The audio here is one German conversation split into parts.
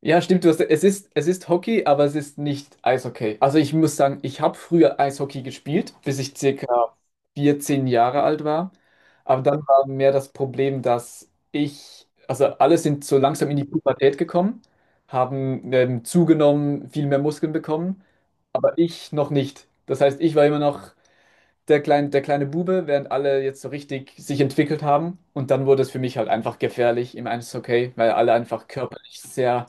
Ja, stimmt, es ist Hockey, aber es ist nicht Eishockey. Also ich muss sagen, ich habe früher Eishockey gespielt, bis ich circa 14 Jahre alt war. Aber dann war mehr das Problem, also alle sind so langsam in die Pubertät gekommen, haben zugenommen, viel mehr Muskeln bekommen, aber ich noch nicht. Das heißt, ich war immer noch der kleine Bube, während alle jetzt so richtig sich entwickelt haben. Und dann wurde es für mich halt einfach gefährlich im Eishockey, weil alle einfach körperlich sehr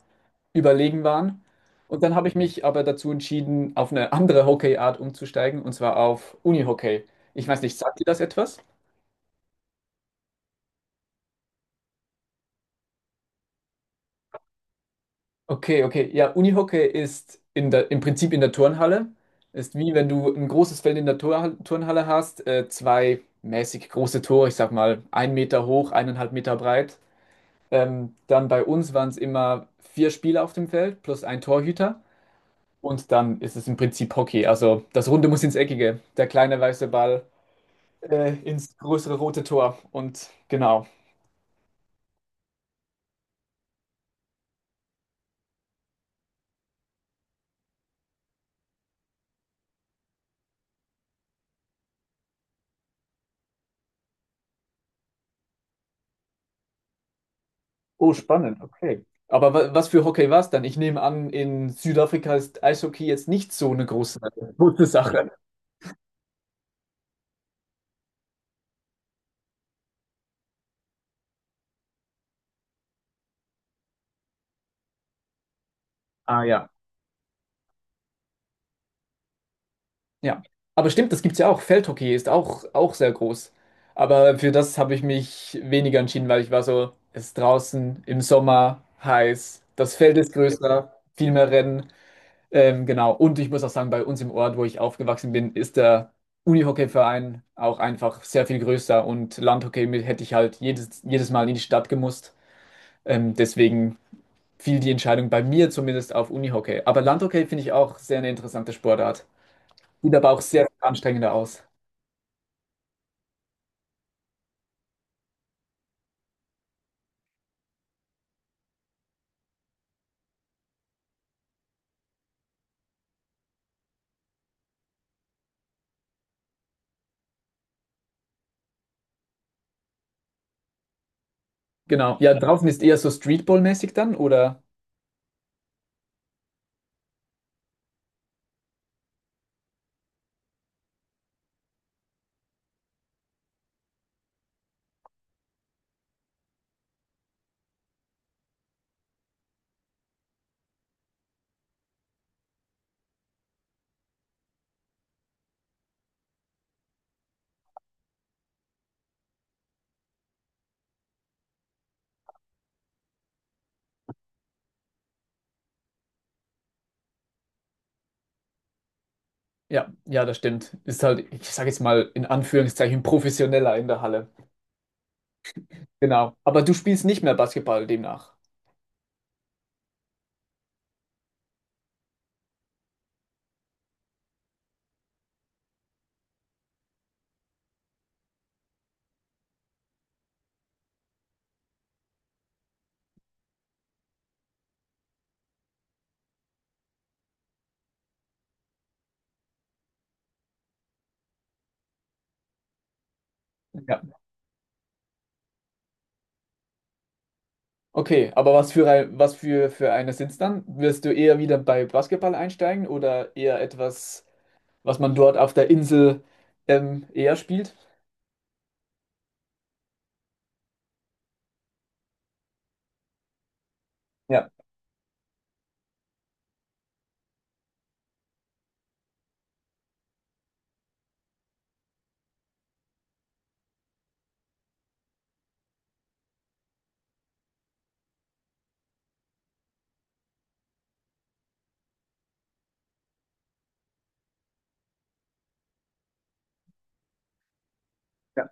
überlegen waren. Und dann habe ich mich aber dazu entschieden, auf eine andere Hockeyart umzusteigen, und zwar auf Unihockey. Ich weiß nicht, sagt dir das etwas? Okay, okay. Ja, Unihockey ist im Prinzip in der Turnhalle. Ist wie wenn du ein großes Feld in der Tor Turnhalle hast, zwei mäßig große Tore, ich sag mal ein Meter hoch, eineinhalb Meter breit. Dann bei uns waren es immer vier Spieler auf dem Feld plus ein Torhüter. Und dann ist es im Prinzip Hockey. Also das Runde muss ins Eckige. Der kleine weiße Ball ins größere rote Tor. Und genau. Oh, spannend. Okay. Aber wa was für Hockey war es dann? Ich nehme an, in Südafrika ist Eishockey jetzt nicht so eine große Sache. Ah ja. Ja, aber stimmt, das gibt's ja auch. Feldhockey ist auch sehr groß. Aber für das habe ich mich weniger entschieden, weil ich war so, es ist draußen im Sommer heiß, das Feld ist größer, viel mehr Rennen. Genau. Und ich muss auch sagen, bei uns im Ort, wo ich aufgewachsen bin, ist der Unihockeyverein auch einfach sehr viel größer und Landhockey mit- hätte ich halt jedes Mal in die Stadt gemusst. Deswegen fiel die Entscheidung bei mir zumindest auf Unihockey. Aber Landhockey finde ich auch sehr eine interessante Sportart. Sieht aber auch sehr anstrengender aus. Genau. Ja, draußen ist eher so Streetball-mäßig dann, oder? Ja, das stimmt. Ist halt, ich sage jetzt mal in Anführungszeichen, professioneller in der Halle. Genau. Aber du spielst nicht mehr Basketball demnach. Ja. Okay, aber für eine sind's dann? Wirst du eher wieder bei Basketball einsteigen oder eher etwas, was man dort auf der Insel eher spielt? Ja. Ja.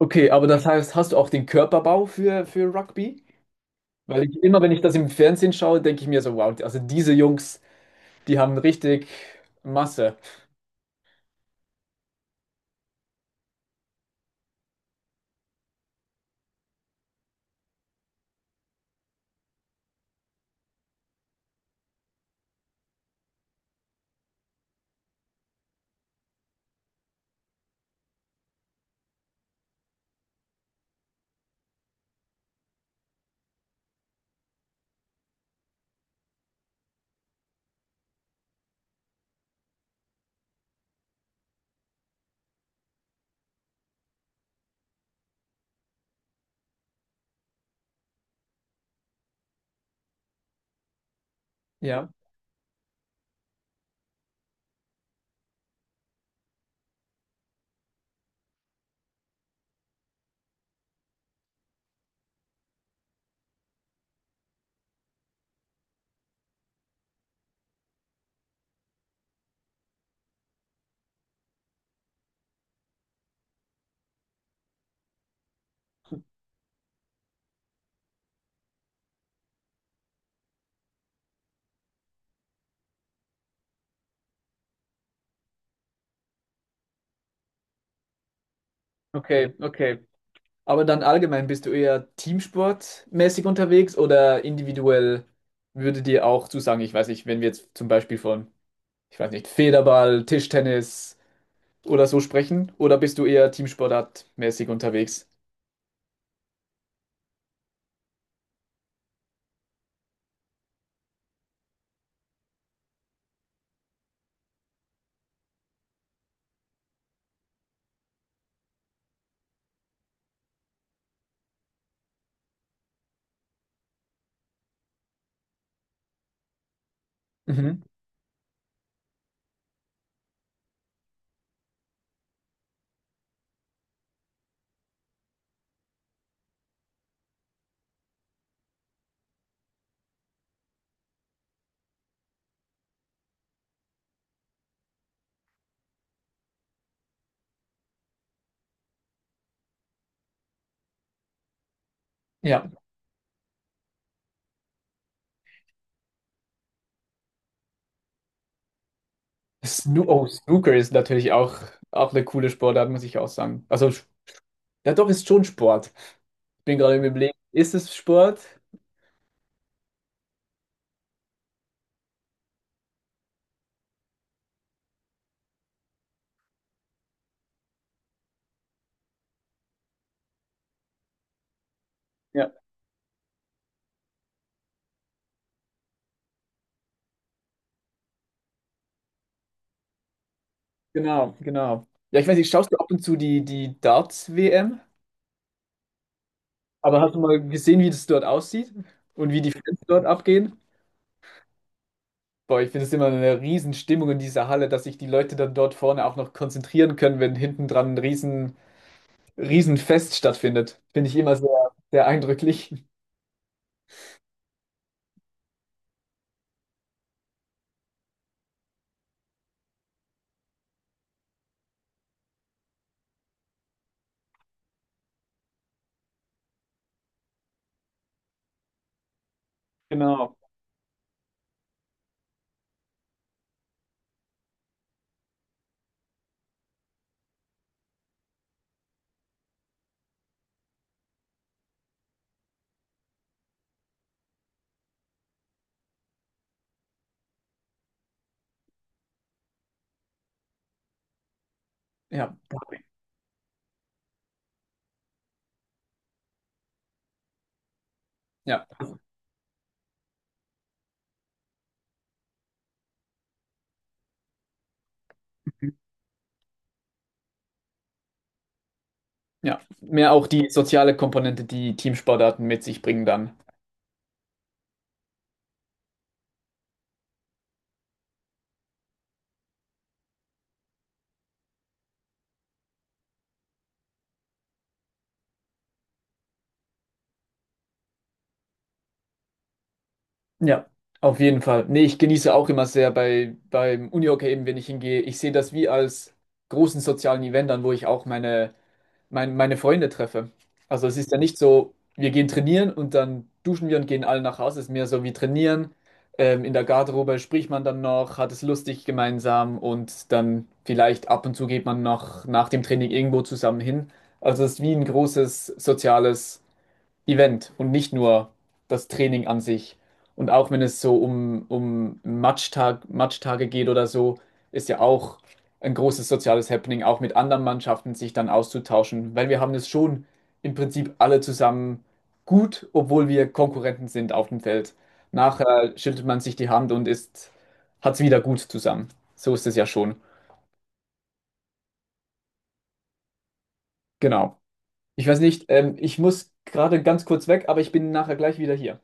Okay, aber das heißt, hast du auch den Körperbau für Rugby? Weil ich immer, wenn ich das im Fernsehen schaue, denke ich mir so, wow, also diese Jungs. Die haben richtig Masse. Ja, okay, okay. Aber dann allgemein bist du eher teamsportmäßig unterwegs oder individuell würde dir auch zusagen, ich weiß nicht, wenn wir jetzt zum Beispiel von, ich weiß nicht, Federball, Tischtennis oder so sprechen, oder bist du eher teamsportartmäßig unterwegs? Mhm. Ja. Snoo oh, Snooker ist natürlich auch, auch eine coole Sportart, muss ich auch sagen. Also, ja doch, ist schon Sport. Ich bin gerade im Überlegen, ist es Sport? Genau, genau. Ja, ich weiß nicht, schaust du ab und zu die Darts-WM? Aber hast du mal gesehen, wie das dort aussieht und wie die Fans dort abgehen? Boah, ich finde es immer eine Riesenstimmung in dieser Halle, dass sich die Leute dann dort vorne auch noch konzentrieren können, wenn hinten dran Riesenfest stattfindet. Finde ich immer sehr eindrücklich. Genau. Ja. Ja. Ja. Mehr auch die soziale Komponente, die Teamsportarten mit sich bringen dann. Ja, auf jeden Fall. Nee, ich genieße auch immer sehr beim Unihockey eben, wenn ich hingehe. Ich sehe das wie als großen sozialen Event an, wo ich auch meine Freunde treffe. Also es ist ja nicht so, wir gehen trainieren und dann duschen wir und gehen alle nach Hause. Es ist mehr so wie trainieren. In der Garderobe spricht man dann noch, hat es lustig gemeinsam und dann vielleicht ab und zu geht man noch nach dem Training irgendwo zusammen hin. Also es ist wie ein großes soziales Event und nicht nur das Training an sich. Und auch wenn es so um Matchtage geht oder so, ist ja auch ein großes soziales Happening, auch mit anderen Mannschaften sich dann auszutauschen, weil wir haben es schon im Prinzip alle zusammen gut, obwohl wir Konkurrenten sind auf dem Feld. Nachher schüttelt man sich die Hand und ist, hat es wieder gut zusammen. So ist es ja schon. Genau. Ich weiß nicht, ich muss gerade ganz kurz weg, aber ich bin nachher gleich wieder hier.